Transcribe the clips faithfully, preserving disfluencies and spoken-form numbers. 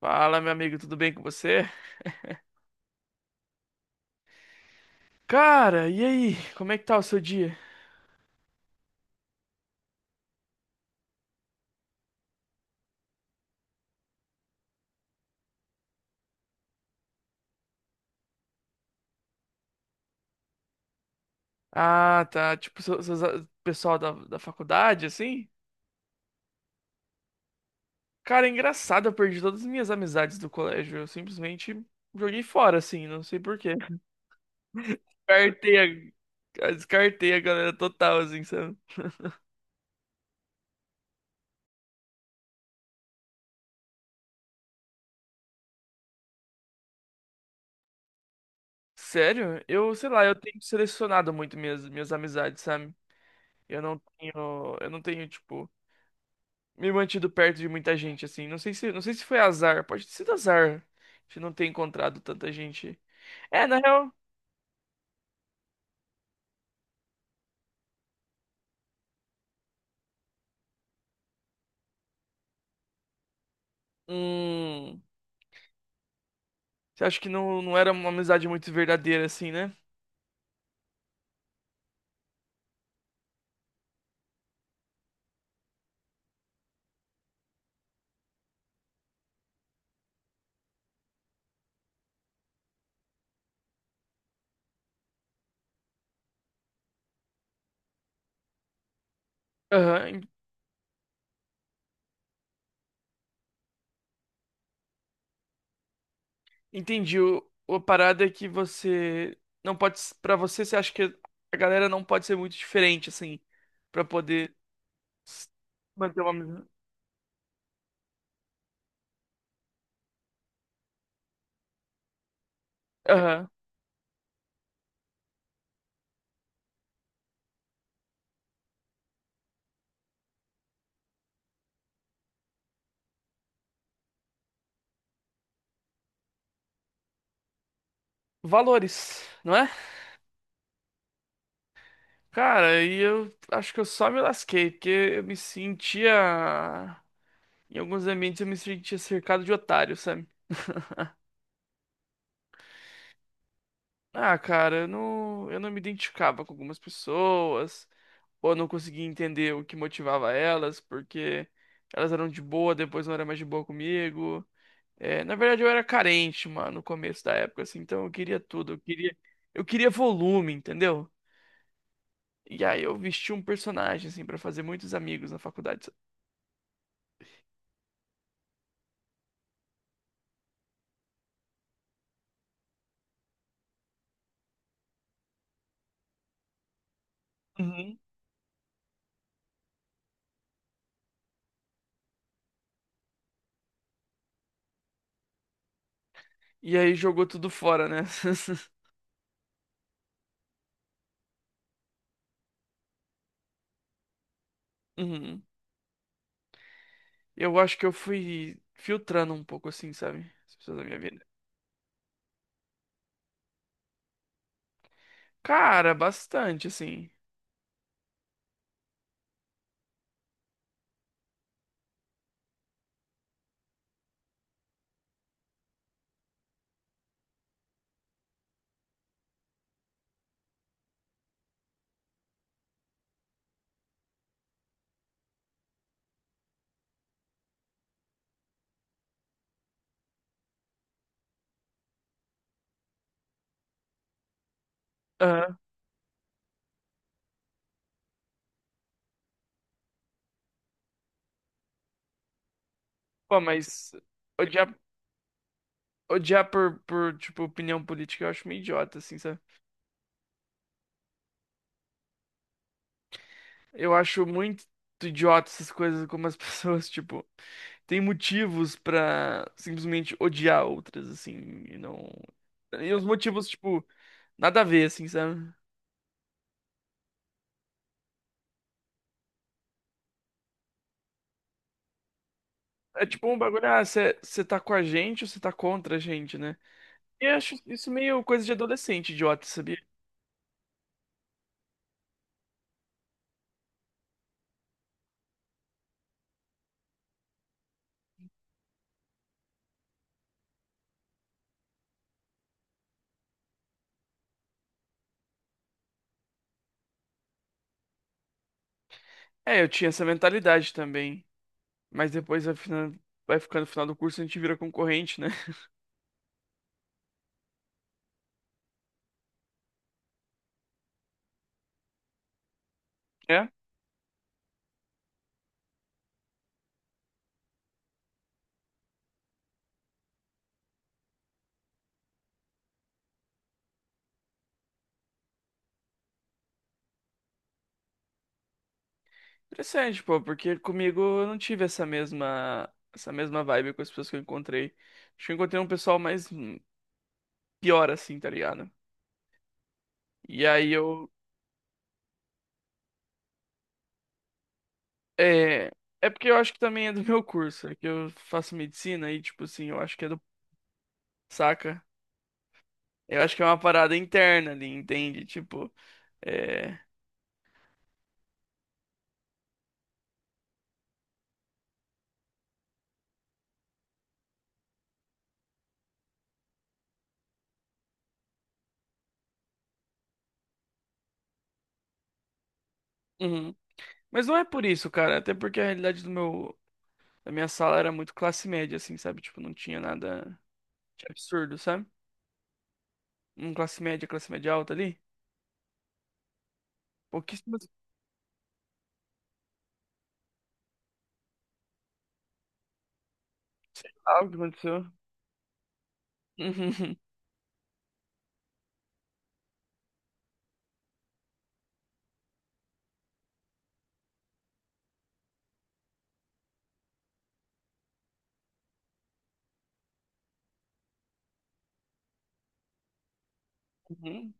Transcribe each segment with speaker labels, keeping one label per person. Speaker 1: Fala, meu amigo, tudo bem com você? Cara, e aí? Como é que tá o seu dia? Ah, tá. Tipo, seu- seus a- pessoal da, da faculdade, assim? Cara, é engraçado, eu perdi todas as minhas amizades do colégio. Eu simplesmente joguei fora, assim, não sei por quê. Descartei a, descartei a galera total, assim, sabe? Sério? Eu, sei lá, eu tenho selecionado muito minhas, minhas amizades, sabe? Eu não tenho, eu não tenho, tipo, me mantido perto de muita gente, assim. Não sei se, não sei se foi azar, pode ter sido azar de não ter encontrado tanta gente. É, na real, hum, você acha que não, não era uma amizade muito verdadeira, assim, né? Aham, en- entendi. O, a parada é que você não pode, s- pra você, você acha que a galera não pode ser muito diferente, assim, pra poder s- manter uma amizade. Aham. Valores, não é? Cara, e eu acho que eu só me lasquei, porque eu me sentia. Em alguns ambientes eu me sentia cercado de otários, sabe? Ah, cara, eu não, eu não me identificava com algumas pessoas, ou eu não conseguia entender o que motivava elas, porque elas eram de boa, depois não era mais de boa comigo. É, na verdade, eu era carente, mano, no começo da época, assim, então eu queria tudo, eu queria, eu queria volume, entendeu? E aí eu vesti um personagem, assim, pra fazer muitos amigos na faculdade, sabe? Uhum. E aí jogou tudo fora, né? Uhum. Eu acho que eu fui filtrando um pouco assim, sabe? As pessoas da minha vida. Cara, bastante, assim. Aham. Pô, mas odiar, odiar por, por, tipo, opinião política eu acho meio idiota, assim, sabe? Eu acho muito idiota essas coisas, como as pessoas, tipo, têm motivos pra simplesmente odiar outras, assim, e não. E os motivos, tipo, nada a ver, assim, sabe? É tipo um bagulho, ah, você tá com a gente ou você tá contra a gente, né? Eu acho isso meio coisa de adolescente, idiota, sabia? É, eu tinha essa mentalidade também. Mas depois vai ficando, vai ficando no final do curso, a gente vira concorrente, né? É interessante, pô, porque comigo eu não tive essa mesma, essa mesma vibe com as pessoas que eu encontrei. Acho que eu encontrei um pessoal mais hum, pior assim, tá ligado? E aí eu. É, é porque eu acho que também é do meu curso, é que eu faço medicina e, tipo assim, eu acho que é do. Saca? Eu acho que é uma parada interna ali, entende? Tipo. É. Mas não é por isso, cara. Até porque a realidade do meu, da minha sala era muito classe média, assim, sabe? Tipo, não tinha nada de absurdo, sabe? Um classe média, classe média alta ali. Pouquíssimas. Sei lá o que aconteceu. Uhum, uhum,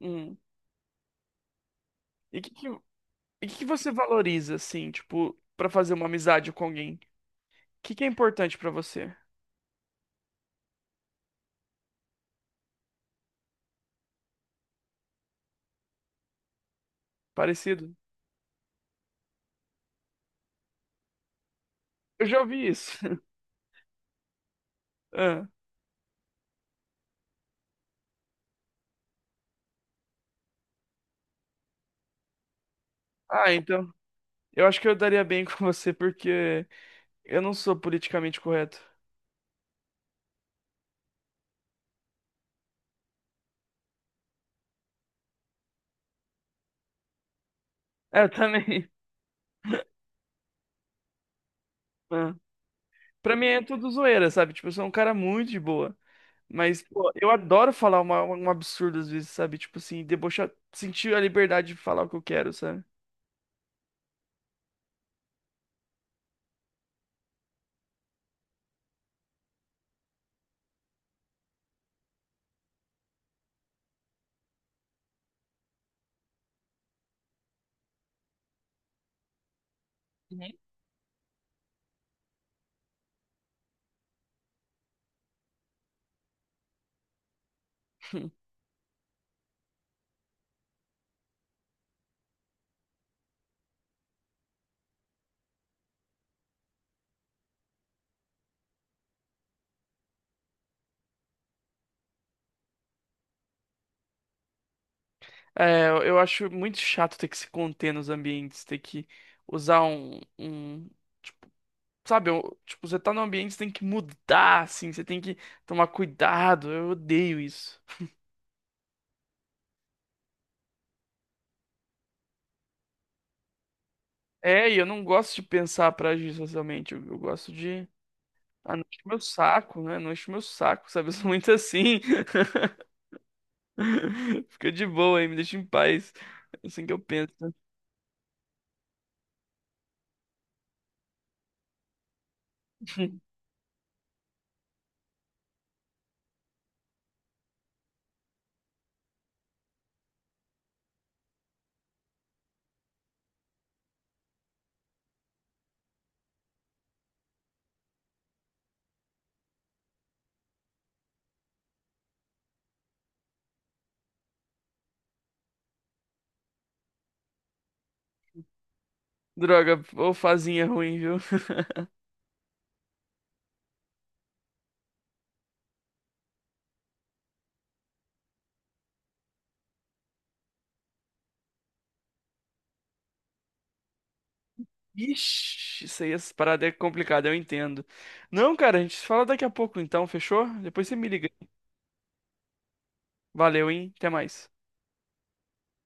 Speaker 1: uhum. E que que, e que que você valoriza, assim, tipo, pra fazer uma amizade com alguém? O que que é importante pra você? Parecido? Eu já ouvi isso. Ah, ah, então. Eu acho que eu daria bem com você porque eu não sou politicamente correto. É, eu também. Ah. Pra mim é tudo zoeira, sabe? Tipo, eu sou um cara muito de boa. Mas, pô, eu adoro falar uma, um absurdo às vezes, sabe? Tipo assim, debochar, sentir a liberdade de falar o que eu quero, sabe? Uhum. É, eu eu acho muito chato ter que se conter nos ambientes, ter que usar um, um- tipo, sabe, eu- tipo, você tá num ambiente, você tem que mudar, assim, você tem que tomar cuidado, eu odeio isso. É, e eu não gosto de pensar pra agir socialmente, eu, eu gosto de, ah, não enche meu saco, né, não enche meu saco, sabe, eu sou muito assim. Fica de boa aí, me deixa em paz. É assim que eu penso. Droga, ou fazinha é ruim, viu? Ixi, isso aí, essas paradas é complicada, eu entendo. Não, cara, a gente se fala daqui a pouco então, fechou? Depois você me liga. Valeu, hein? Até mais.